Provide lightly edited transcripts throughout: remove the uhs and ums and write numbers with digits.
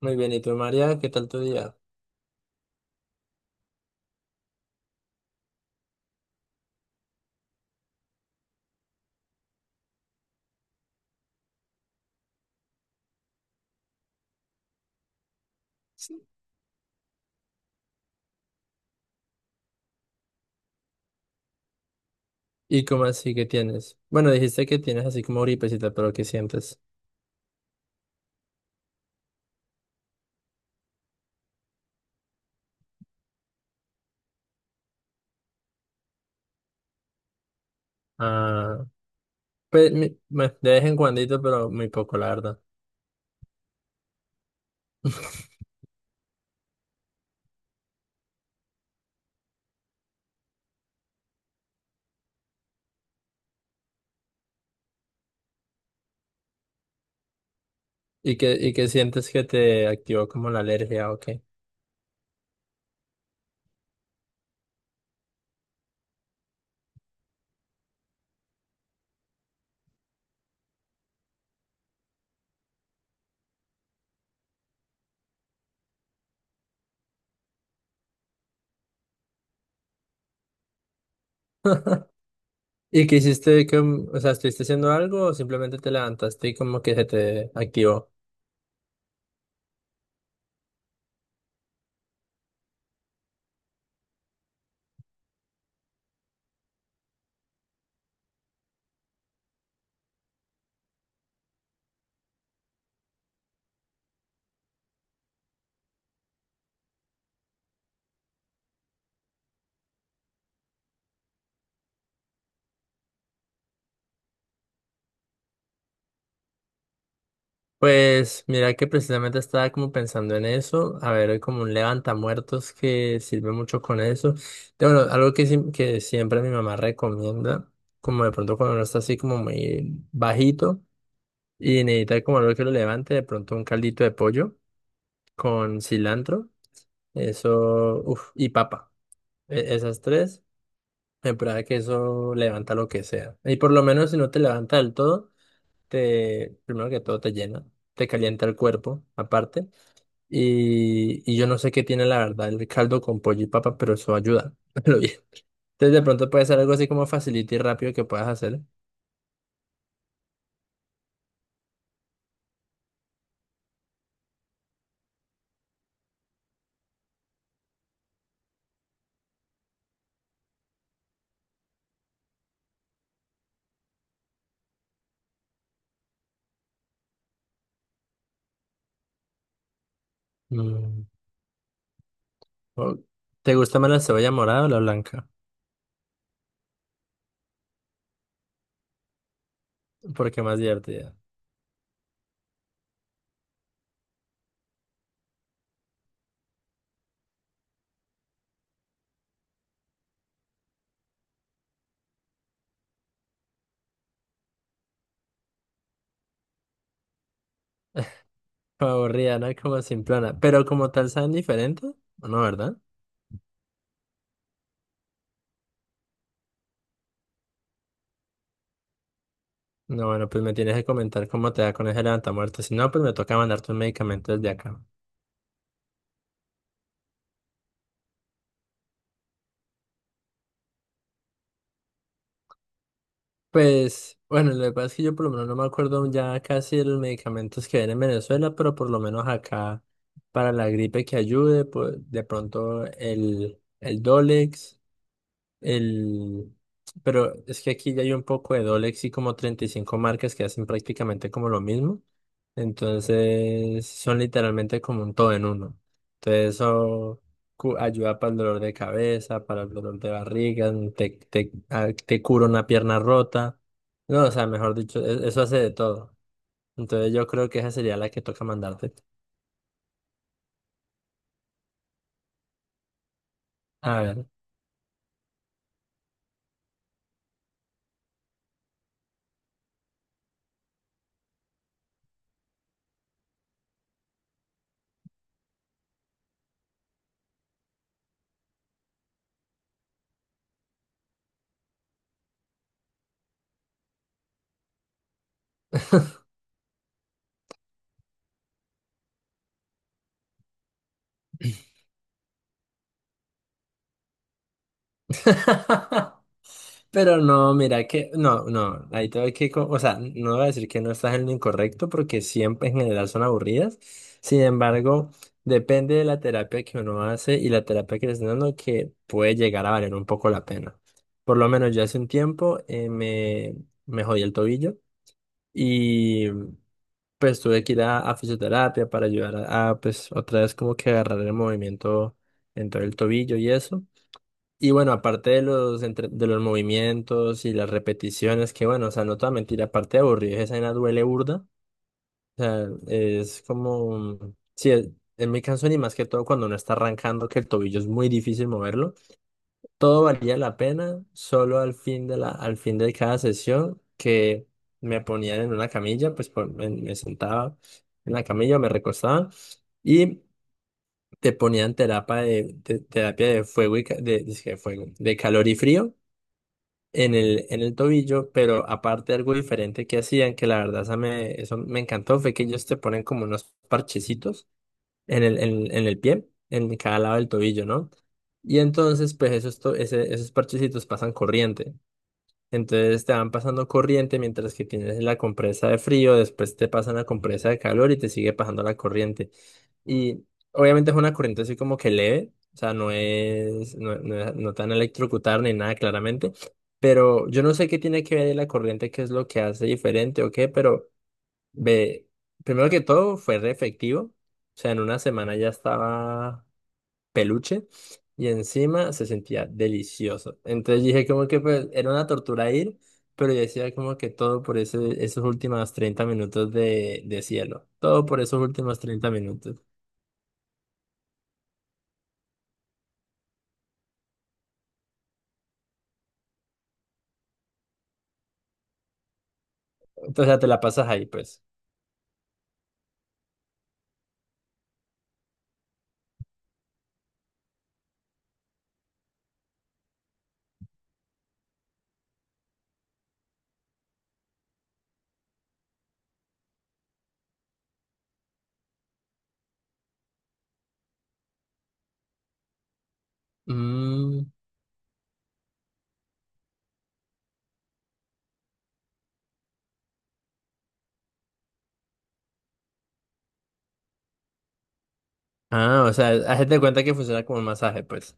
Muy bien, ¿y tú, María? ¿Qué tal tu día? ¿Y cómo así que tienes? Bueno, dijiste que tienes así como gripecita, pero ¿qué sientes? Ah, pues, bueno, de vez en cuandito, pero muy poco, la verdad. ¿Y qué sientes que te activó como la alergia o qué? ¿Y qué hiciste? Que, o sea, ¿estuviste haciendo algo o simplemente te levantaste y como que se te activó? Pues mira que precisamente estaba como pensando en eso, a ver, hay como un levantamuertos que sirve mucho con eso. Bueno, algo que siempre mi mamá recomienda, como de pronto cuando uno está así como muy bajito y necesita como algo que lo levante, de pronto un caldito de pollo con cilantro, eso, uf, y papa. Esas tres, me prueba que eso levanta lo que sea. Y por lo menos si no te levanta del todo, primero que todo te llena, te calienta el cuerpo aparte. Y yo no sé qué tiene la verdad el caldo con pollo y papa, pero eso ayuda. Pero bien. Entonces de pronto puede ser algo así como facilito y rápido que puedas hacer. Mm, o- ¿Te gusta más la cebolla morada o la blanca? Porque más divertida. Aburrida, ¿no? Como simplona. Pero como tal saben diferente. No, ¿verdad? No, bueno, pues me tienes que comentar cómo te da con ese levantamuertos. Si no, pues me toca mandarte un medicamento desde acá. Pues, bueno, lo que pasa es que yo por lo menos no me acuerdo ya casi de los medicamentos que ven en Venezuela, pero por lo menos acá para la gripe que ayude, pues de pronto el Dolex. El... Pero es que aquí ya hay un poco de Dolex y como 35 marcas que hacen prácticamente como lo mismo. Entonces son literalmente como un todo en uno. Entonces eso ayuda para el dolor de cabeza, para el dolor de barriga, te cura una pierna rota. No, o sea, mejor dicho, eso hace de todo. Entonces yo creo que esa sería la que toca mandarte. A ver. Pero no, mira que, no, no, ahí te voy que, o sea, no voy a decir que no estás en lo incorrecto porque siempre en general son aburridas. Sin embargo, depende de la terapia que uno hace y la terapia que le están dando que puede llegar a valer un poco la pena. Por lo menos yo hace un tiempo me jodí el tobillo y pues tuve que ir a fisioterapia para ayudar a, pues otra vez como que agarrar el movimiento en todo el tobillo y eso. Y bueno, aparte de de los movimientos y las repeticiones, que bueno, o sea, no toda mentira, aparte de aburrido, esa vaina duele burda. O sea, es como, sí, en mi caso ni más que todo cuando uno está arrancando, que el tobillo es muy difícil moverlo, todo valía la pena, solo al fin de al fin de cada sesión que me ponían en una camilla, pues me sentaba en la camilla, me recostaba y te ponían terapia de fuego y dizque de fuego, de calor y frío en el tobillo, pero aparte algo diferente que hacían, que la verdad eso me encantó, fue que ellos te ponen como unos parchecitos en el pie, en cada lado del tobillo, ¿no? Y entonces, pues esos parchecitos pasan corriente. Entonces te van pasando corriente mientras que tienes la compresa de frío, después te pasan la compresa de calor y te sigue pasando la corriente. Y obviamente es una corriente así como que leve, o sea, no, no, no te van a electrocutar ni nada claramente, pero yo no sé qué tiene que ver la corriente, qué es lo que hace diferente o qué, pero ve, primero que todo fue re efectivo, o sea, en una semana ya estaba peluche y encima se sentía delicioso. Entonces dije como que pues era una tortura ir, pero yo decía como que todo por ese, esos últimos 30 minutos de cielo, todo por esos últimos 30 minutos. Entonces te la pasas ahí pues. Mm. Ah, o sea, hazte cuenta que funciona como un masaje pues.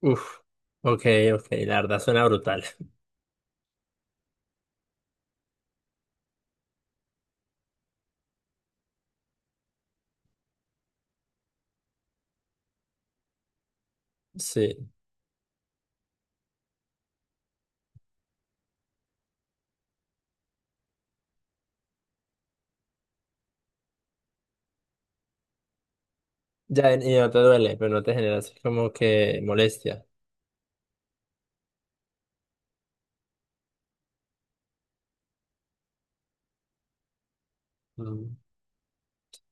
Uf, ok, ok, la verdad suena brutal. Sí, ya y no te duele, pero no te genera así como que molestia. Mm.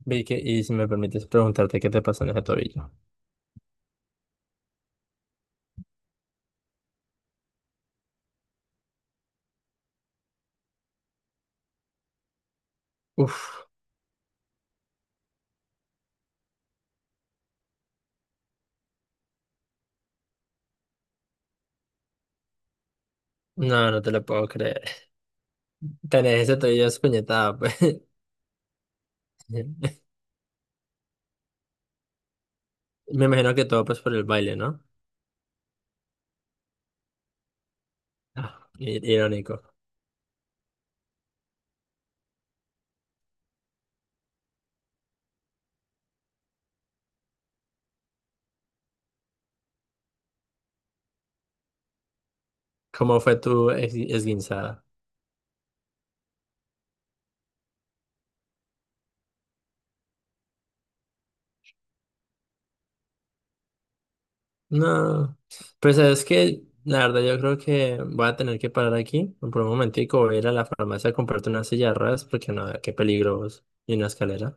Vicky, y si me permites preguntarte qué te pasó en ese tobillo. Uf. No, no te lo puedo creer. Tenés ese tobillo espuñetado, pues. Me imagino que todo pues por el baile, ¿no? Ah, irónico. ¿Cómo fue tu esguinzada? No. Pues es que, la verdad, yo creo que voy a tener que parar aquí por un momentico. Voy a ir a la farmacia a comprarte una silla de ruedas porque no, qué peligro vos, y una escalera.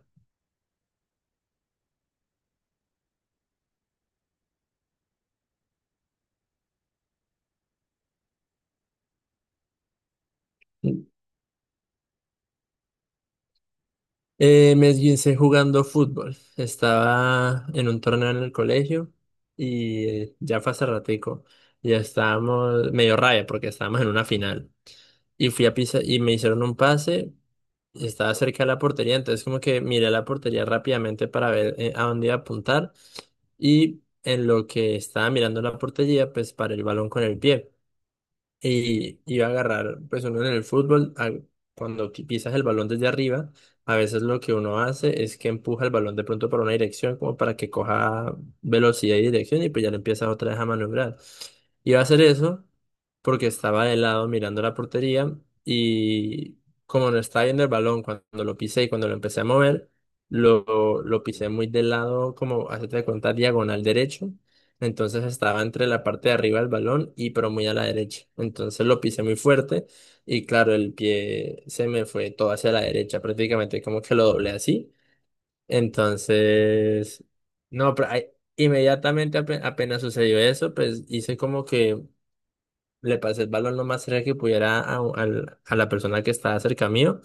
Me esguincé jugando fútbol. Estaba en un torneo en el colegio y ya fue hace ratico. Ya estábamos medio raya porque estábamos en una final. Y fui a pisa y me hicieron un pase. Y estaba cerca de la portería, entonces como que miré la portería rápidamente para ver a dónde iba a apuntar. Y en lo que estaba mirando la portería, pues paré el balón con el pie y iba a agarrar, pues uno en el fútbol, cuando pisas el balón desde arriba, a veces lo que uno hace es que empuja el balón de pronto para una dirección, como para que coja velocidad y dirección, y pues ya le empiezas otra vez a maniobrar. Iba a hacer eso porque estaba de lado mirando la portería y como no estaba viendo el balón cuando lo pisé y cuando lo empecé a mover, lo pisé muy de lado, como hacerte de cuenta, diagonal derecho. Entonces estaba entre la parte de arriba del balón y pero muy a la derecha. Entonces lo pisé muy fuerte y claro, el pie se me fue todo hacia la derecha, prácticamente como que lo doblé así. Entonces, no, pero inmediatamente apenas sucedió eso, pues hice como que le pasé el balón lo más cerca que pudiera a la persona que estaba cerca mío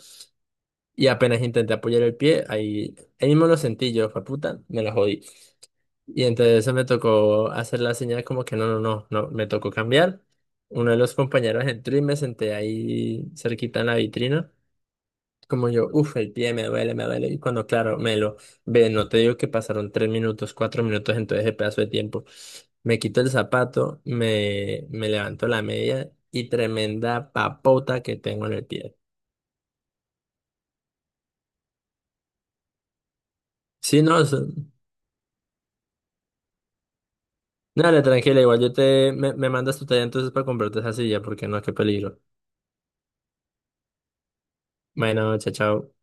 y apenas intenté apoyar el pie, ahí mismo lo sentí yo, fue puta, me la jodí. Y entonces me tocó hacer la señal como que no, no, no, no, me tocó cambiar. Uno de los compañeros entró y me senté ahí cerquita en la vitrina. Como yo, uff, el pie me duele, me duele. Y cuando, claro, me lo ve, no te digo que pasaron 3 minutos, 4 minutos en todo ese pedazo de tiempo. Me quito el zapato, me levanto la media y tremenda papota que tengo en el pie. Sí, no, dale, tranquila, igual me mandas tu talla entonces para comprarte esa silla, porque no, qué peligro. Bueno, chao, chao.